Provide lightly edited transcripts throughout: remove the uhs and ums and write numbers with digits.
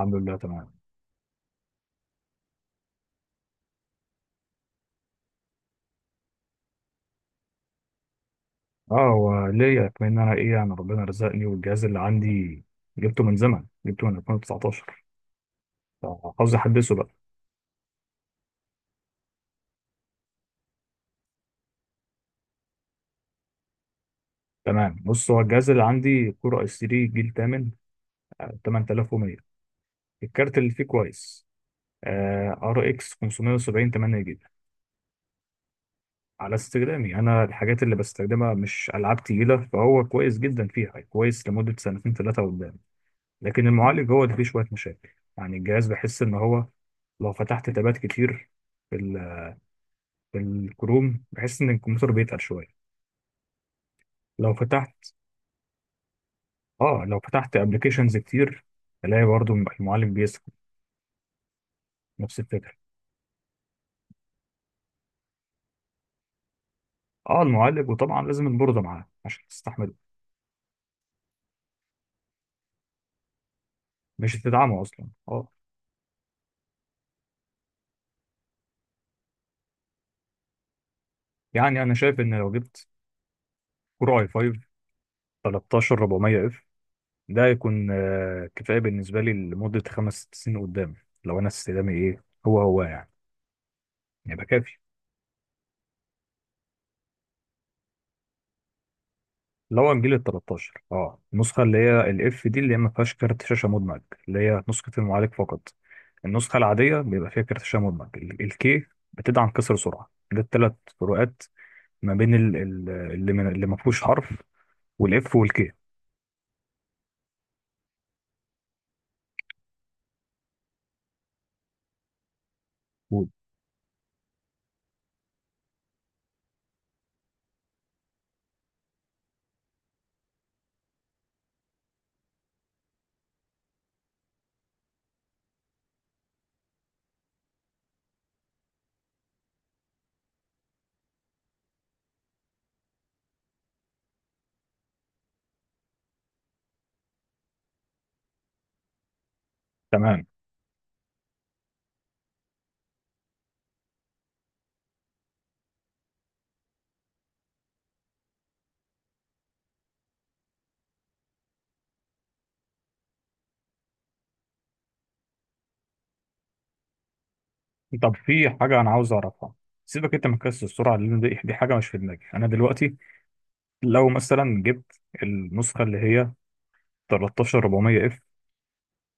الحمد لله تمام. اه، هو ليا كمان إن انا ربنا رزقني، والجهاز اللي عندي جبته من زمن جبته من 2019 فعاوز احدثه بقى. تمام، بص، هو الجهاز اللي عندي كور اس 3 جيل 8، 8100. الكارت اللي فيه كويس، ار اكس 570 8 جيجا. على استخدامي انا، الحاجات اللي بستخدمها مش العاب تقيله، فهو كويس جدا فيها، كويس لمده سنتين ثلاثه قدام. لكن المعالج هو اللي فيه شويه مشاكل، يعني الجهاز بحس ان هو لو فتحت تابات كتير في الكروم بحس ان الكمبيوتر بيتقل شويه. لو فتحت اه لو فتحت ابلكيشنز كتير الاقي برضو المعالج بيسخن، نفس الفكره. اه، المعالج، وطبعا لازم البورده معاه عشان تستحمله، مش تدعمه اصلا، اه. يعني انا شايف ان لو جبت كور اي 5 13 400 اف ده هيكون كفايه بالنسبه لي لمده خمس ست سنين قدام، لو انا استخدامي ايه هو يعني، يبقى كافي. اللي هو الجيل ال 13، النسخه اللي هي الاف، دي اللي هي ما فيهاش كارت شاشه مدمج، اللي هي نسخه المعالج فقط. النسخه العاديه بيبقى فيها كارت شاشه مدمج، الكي بتدعم كسر سرعه. ده الثلاث فروقات ما بين اللي من اللي ما فيهوش حرف والاف والكي. تمام. طب، في حاجه انا عاوز اعرفها. سيبك انت من كسر السرعه، لان دي حاجه مش في دماغي انا دلوقتي. لو مثلا جبت النسخه اللي هي 13400 اف،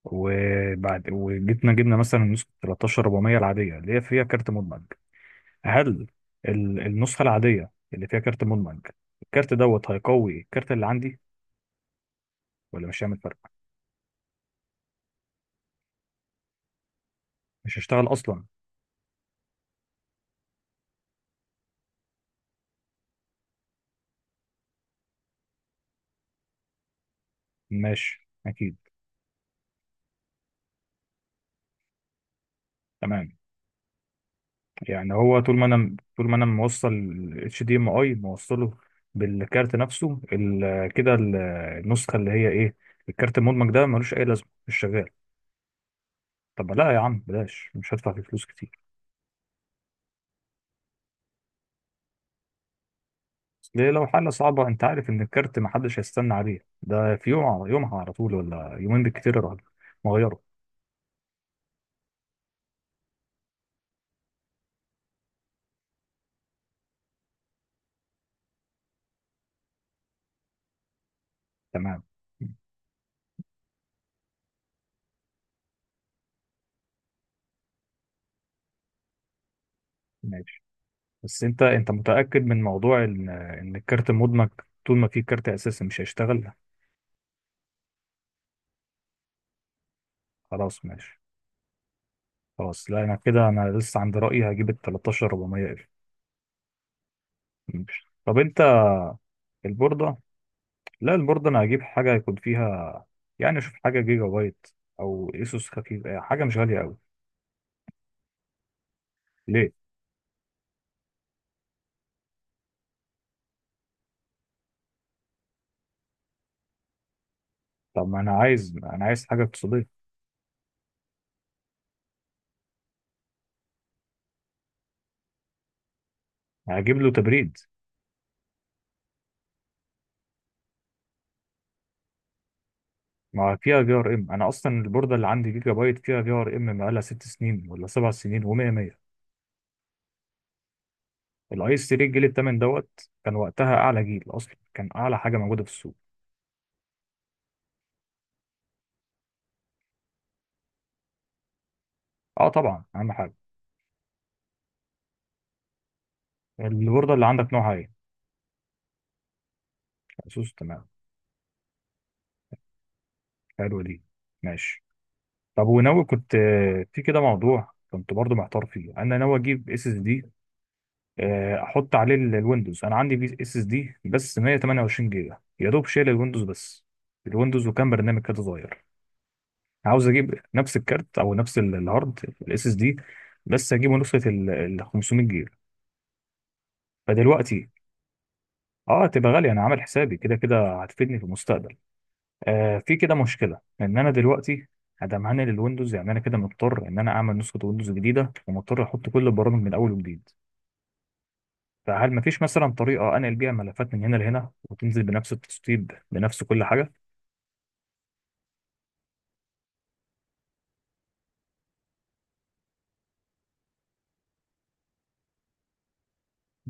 وجبنا مثلا نسخة 13400 العادية اللي هي فيها كارت مدمج، هل النسخة العادية اللي فيها كارت مدمج الكارت دوت هيقوي الكارت اللي عندي ولا مش هيعمل فرق؟ مش هيشتغل أصلا؟ ماشي، أكيد. تمام، يعني هو طول ما أنا موصل ال HDMI موصله بالكارت نفسه، النسخة اللي هي إيه، الكارت المدمج ده ملوش أي لازمة، مش شغال. طب لا يا عم، بلاش، مش هدفع فيه فلوس كتير. ليه؟ لو حالة صعبة انت عارف ان الكارت محدش هيستنى عليه، ده في يوم يومها، على طول، ولا يومين بالكتير يا راجل. مغيره. تمام ماشي، بس انت متأكد من موضوع ان الكارت مدمج طول ما في كارت اساسي مش هيشتغل؟ خلاص ماشي. خلاص، لا انا كده، انا لسه عند رأيي، هجيب ال 13 400 اف. ماشي، طب انت. البوردة، لا البوردة انا هجيب حاجة يكون فيها، يعني اشوف حاجة جيجا بايت او اسوس، خفيف، حاجة مش غالية قوي. ليه؟ طب ما انا عايز حاجة اقتصادية. هجيب له تبريد. ما فيها في ار ام، انا اصلا البورده اللي عندي جيجا بايت فيها في ار ام بقالها ست سنين ولا سبع سنين و100 100. الاي اس 3 الجيل الثامن دوت كان وقتها اعلى جيل، اصلا كان اعلى حاجه موجوده في السوق. اه طبعا، اهم حاجه. البورده اللي عندك نوعها ايه؟ اسوس. تمام، حلوه دي. ماشي. طب وناوي، كنت في كده موضوع كنت برضو محتار فيه، انا ناوي اجيب اس اس دي، احط عليه الويندوز. انا عندي اس اس دي بس 128 جيجا، يا دوب شايل الويندوز بس، الويندوز وكام برنامج كده صغير. عاوز اجيب نفس الكارت او نفس الهارد الاس اس دي، بس اجيبه نسخه ال 500 جيجا. فدلوقتي، اه تبقى غاليه، انا عامل حسابي، كده كده هتفيدني في المستقبل. في كده مشكله، ان انا دلوقتي ادم هنقل الويندوز، يعني انا كده مضطر ان انا اعمل نسخه ويندوز جديده ومضطر احط كل البرامج من اول وجديد، فهل مفيش مثلا طريقه انقل بيها ملفات من هنا لهنا وتنزل بنفس التسطيب بنفس كل حاجه؟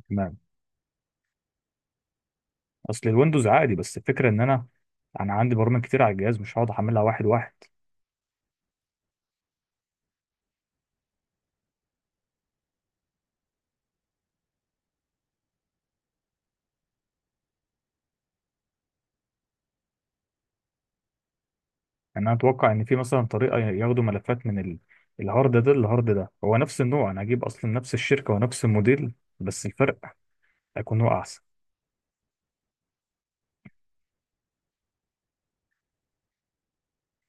تمام. اصل الويندوز عادي، بس الفكره ان انا، انا عندي برامج كتير على الجهاز مش هقعد احملها واحد واحد. يعني انا اتوقع ان في مثلا طريقه ياخدوا ملفات من الهارد ده للهارد ده، هو نفس النوع، انا هجيب اصلا نفس الشركه ونفس الموديل، بس الفرق هيكون هو احسن.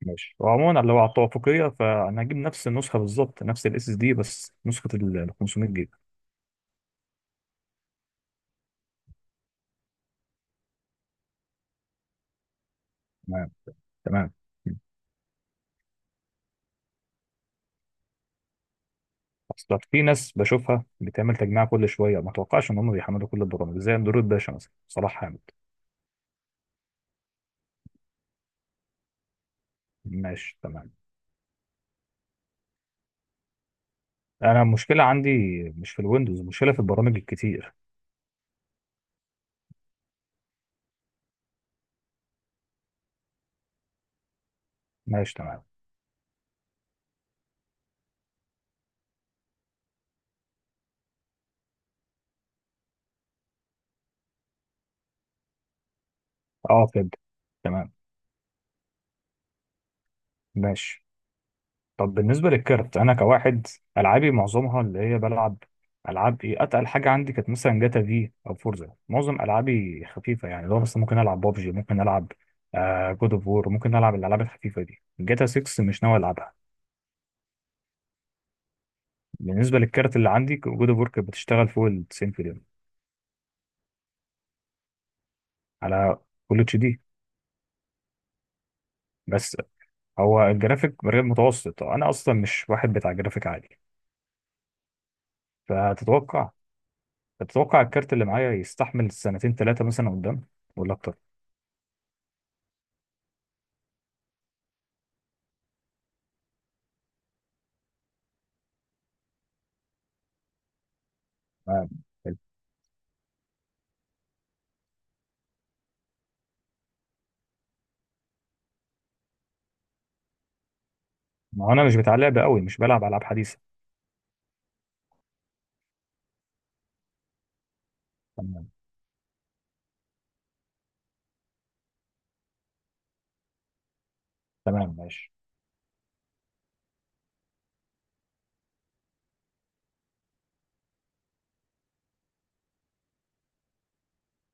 ماشي، وعموما لو على التوافقيه، فانا هجيب نفس النسخه بالظبط، نفس الاس اس دي بس نسخه ال 500 جيجا. تمام. تمام. اصلا في ناس بشوفها بتعمل تجميع كل شويه، ما اتوقعش ان هم بيحملوا كل البرامج، زي اندرويد باشا مثلا، صلاح حامد. ماشي تمام. انا المشكله عندي مش في الويندوز، المشكله في البرامج الكتير. ماشي تمام. اه فهمت. تمام ماشي. طب بالنسبة للكارت، أنا كواحد، ألعابي معظمها اللي هي بلعب، ألعاب إيه، أتقل حاجة عندي كانت مثلا جاتا في أو فورزا، معظم ألعابي خفيفة. يعني لو مثلا ممكن ألعب بابجي، ممكن ألعب جود أوف وور، ممكن ألعب الألعاب الخفيفة دي. جاتا 6 مش ناوي ألعبها. بالنسبة للكارت اللي عندي جود أوف وور كانت بتشتغل فوق ال 90 فريم، على فول اتش دي. بس هو الجرافيك مريض متوسط، أنا أصلا مش واحد بتاع جرافيك عالي. فتتوقع الكارت اللي معايا يستحمل سنتين ثلاثة مثلا قدام ولا أكتر؟ تمام، حلو. ما هو انا مش بتاع لعبه قوي، مش بلعب العاب حديثه. تمام تمام ماشي.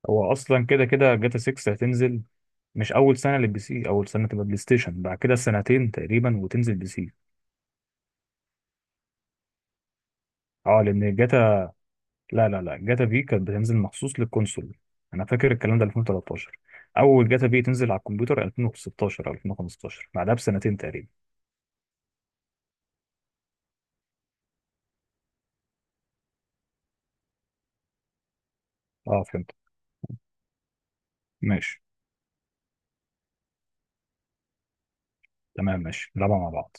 هو اصلا كده كده جاتا 6 هتنزل مش اول سنه للبي سي، اول سنه تبقى بلاي ستيشن، بعد كده سنتين تقريبا وتنزل بي سي. اه لان جاتا، لا لا لا، جاتا في كانت بتنزل مخصوص للكونسول، انا فاكر الكلام ده 2013. اول جاتا في تنزل على الكمبيوتر 2016 او 2015 بعدها بسنتين تقريبا. اه فهمت. ماشي تمام ماشي نلعبها مع بعض.